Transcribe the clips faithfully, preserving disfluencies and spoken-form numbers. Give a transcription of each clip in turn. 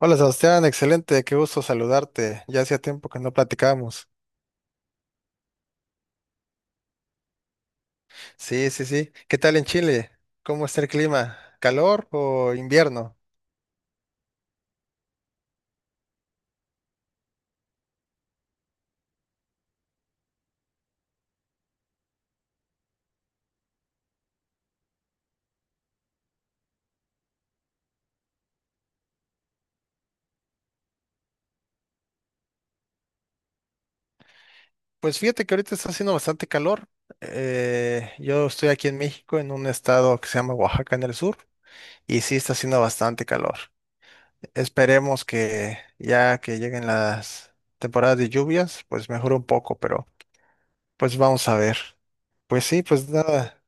Hola Sebastián, excelente, qué gusto saludarte. Ya hacía tiempo que no platicábamos. Sí, sí, sí. ¿Qué tal en Chile? ¿Cómo está el clima? ¿Calor o invierno? Pues fíjate que ahorita está haciendo bastante calor. Eh, yo estoy aquí en México, en un estado que se llama Oaxaca en el sur, y sí está haciendo bastante calor. Esperemos que ya que lleguen las temporadas de lluvias, pues mejore un poco, pero pues vamos a ver. Pues sí, pues nada.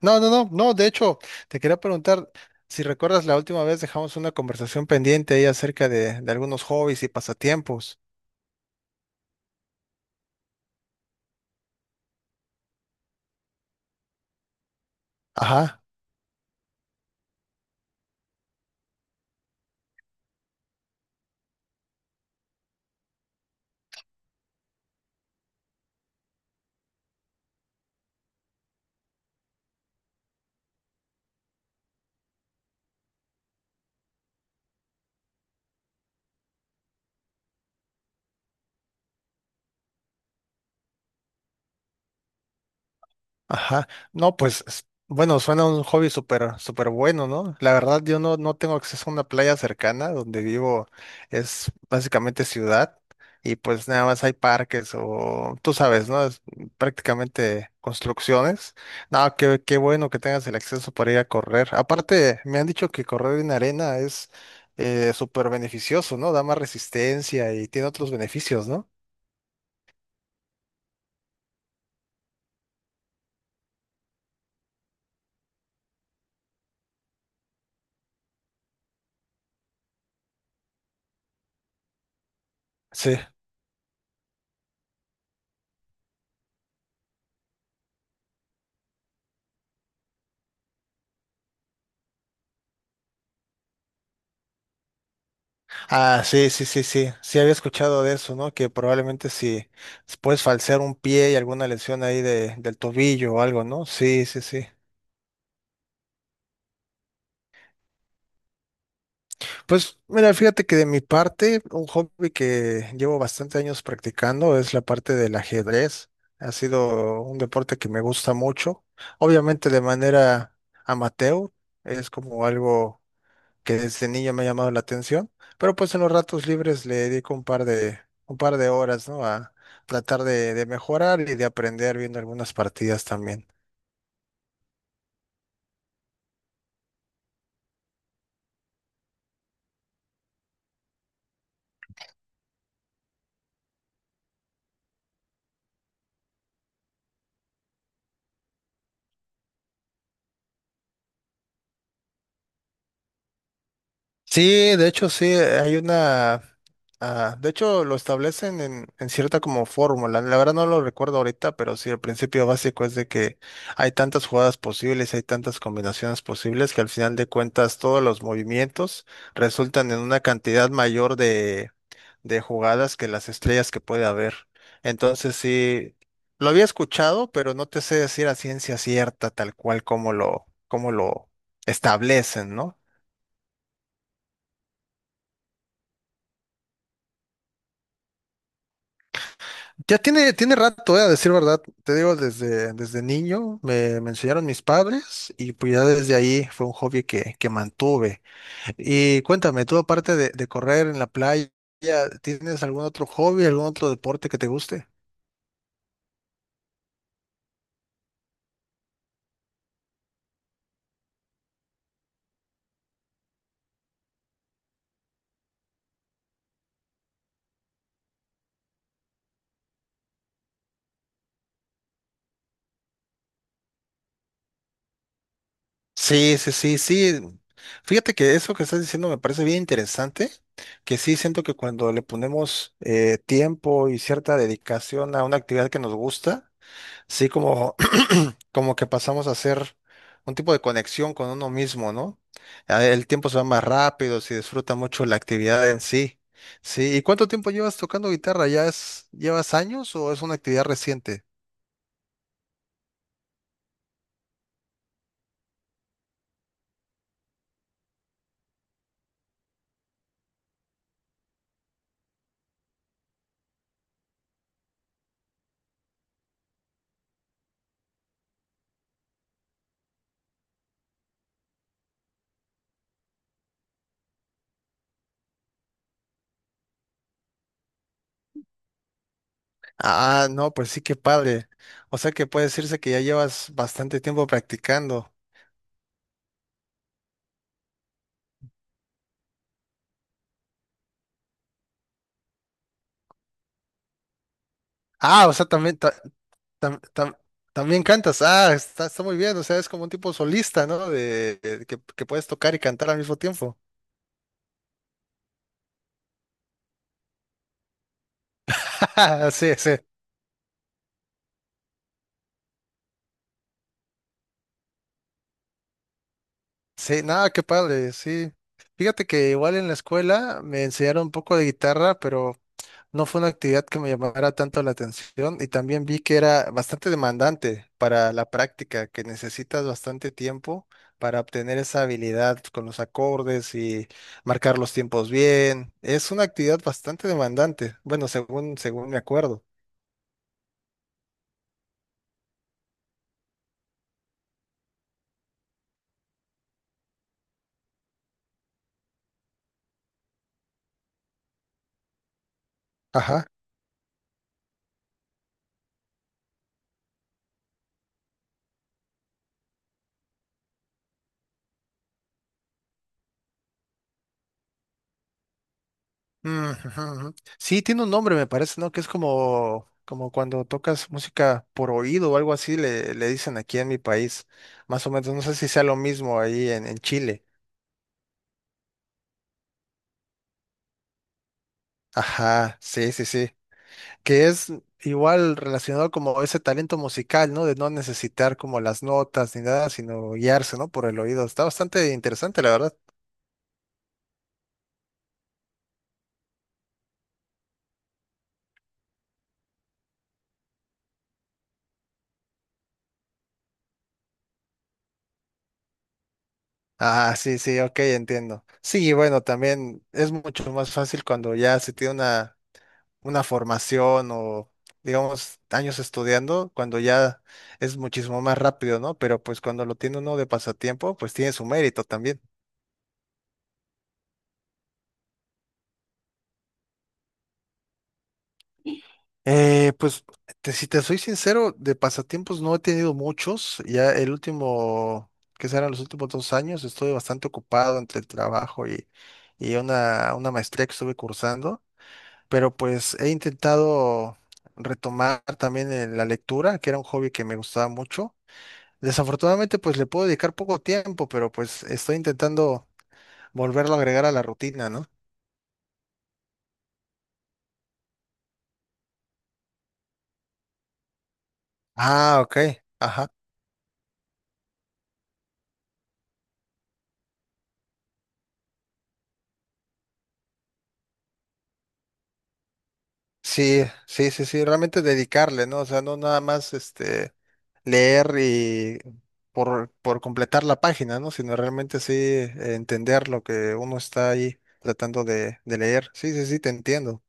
No, no, no, no, de hecho, te quería preguntar si recuerdas la última vez dejamos una conversación pendiente ahí acerca de, de algunos hobbies y pasatiempos. Ajá. Ajá, no, pues, s- bueno, suena un hobby súper, súper bueno, ¿no? La verdad, yo no, no tengo acceso a una playa cercana, donde vivo es básicamente ciudad y pues nada más hay parques o, tú sabes, ¿no? Es prácticamente construcciones. No, qué, qué bueno que tengas el acceso para ir a correr. Aparte, me han dicho que correr en arena es eh, súper beneficioso, ¿no? Da más resistencia y tiene otros beneficios, ¿no? Sí. Ah, sí, sí, sí, sí. Sí había escuchado de eso, ¿no? Que probablemente si puedes falsear un pie y alguna lesión ahí de, del tobillo o algo, ¿no? Sí, sí, sí. Pues mira, fíjate que de mi parte, un hobby que llevo bastante años practicando es la parte del ajedrez. Ha sido un deporte que me gusta mucho. Obviamente de manera amateur, es como algo que desde niño me ha llamado la atención, pero pues en los ratos libres le dedico un par de, un par de horas, ¿no? A tratar de, de mejorar y de aprender viendo algunas partidas también. Sí, de hecho sí, hay una, ah, de hecho lo establecen en, en cierta como fórmula, la verdad no lo recuerdo ahorita, pero sí, el principio básico es de que hay tantas jugadas posibles, hay tantas combinaciones posibles que al final de cuentas todos los movimientos resultan en una cantidad mayor de jugadas que las estrellas que puede haber. Entonces sí, lo había escuchado, pero no te sé decir a ciencia cierta tal cual como lo, como lo establecen, ¿no? Ya tiene, tiene rato, eh, a decir verdad. Te digo, desde, desde niño me, me enseñaron mis padres y pues ya desde ahí fue un hobby que, que mantuve. Y cuéntame, tú aparte de, de correr en la playa, ¿tienes algún otro hobby, algún otro deporte que te guste? Sí, sí, sí, sí. Fíjate que eso que estás diciendo me parece bien interesante, que sí siento que cuando le ponemos eh, tiempo y cierta dedicación a una actividad que nos gusta, sí como, como que pasamos a hacer un tipo de conexión con uno mismo, ¿no? Ah, el tiempo se va más rápido, se disfruta mucho la actividad en sí. Sí, ¿y cuánto tiempo llevas tocando guitarra? ¿Ya es, llevas años o es una actividad reciente? Ah, no, pues sí, qué padre. O sea que puede decirse que ya llevas bastante tiempo practicando. Ah, o sea, también, ta- tam- tam- también cantas. Ah, está, está muy bien. O sea, es como un tipo solista, ¿no? De, de que, que puedes tocar y cantar al mismo tiempo. Sí, sí. Sí, nada, qué padre, sí. Fíjate que igual en la escuela me enseñaron un poco de guitarra, pero no fue una actividad que me llamara tanto la atención y también vi que era bastante demandante para la práctica, que necesitas bastante tiempo para obtener esa habilidad con los acordes y marcar los tiempos bien. Es una actividad bastante demandante, bueno, según, según me acuerdo. Ajá. Mm, ujú, ujú. Sí, tiene un nombre, me parece, ¿no? Que es como, como cuando tocas música por oído o algo así, le, le dicen aquí en mi país. Más o menos, no sé si sea lo mismo ahí en en Chile. Ajá, sí, sí, sí. Que es igual relacionado como ese talento musical, ¿no? De no necesitar como las notas ni nada, sino guiarse, ¿no? Por el oído. Está bastante interesante, la verdad. Ah, sí, sí, ok, entiendo. Sí, y bueno, también es mucho más fácil cuando ya se tiene una, una formación o, digamos, años estudiando, cuando ya es muchísimo más rápido, ¿no? Pero pues cuando lo tiene uno de pasatiempo, pues tiene su mérito también. Eh, pues, te- si te soy sincero, de pasatiempos no he tenido muchos. Ya el último, que serán los últimos dos años, estoy bastante ocupado entre el trabajo y, y una, una maestría que estuve cursando. Pero pues he intentado retomar también eh, la lectura, que era un hobby que me gustaba mucho. Desafortunadamente, pues le puedo dedicar poco tiempo, pero pues estoy intentando volverlo a agregar a la rutina, ¿no? Ah, ok. Ajá. Sí, sí, sí, sí, realmente dedicarle, ¿no? O sea, no nada más este leer y por, por completar la página, ¿no? Sino realmente sí eh, entender lo que uno está ahí tratando de, de leer. Sí, sí, sí, te entiendo.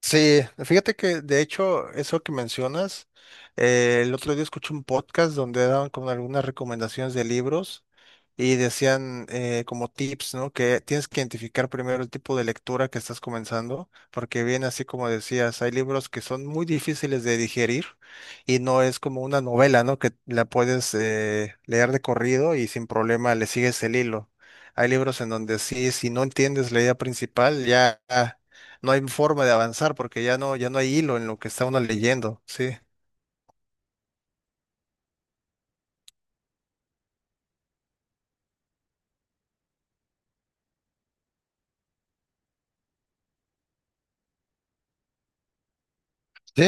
Sí, fíjate que de hecho eso que mencionas, eh, el otro día escuché un podcast donde daban como algunas recomendaciones de libros y decían eh, como tips, ¿no? Que tienes que identificar primero el tipo de lectura que estás comenzando, porque bien así como decías, hay libros que son muy difíciles de digerir y no es como una novela, ¿no? Que la puedes eh, leer de corrido y sin problema le sigues el hilo. Hay libros en donde sí, si no entiendes la idea principal, ya no hay forma de avanzar porque ya no, ya no hay hilo en lo que está uno leyendo, sí. Sí,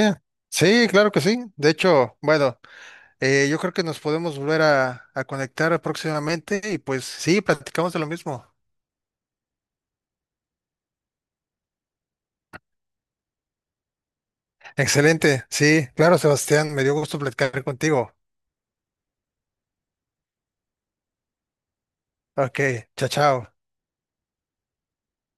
sí, claro que sí. De hecho, bueno, eh, yo creo que nos podemos volver a, a conectar próximamente y pues sí, platicamos de lo mismo. Excelente, sí, claro, Sebastián, me dio gusto platicar contigo. Ok, chao, chao.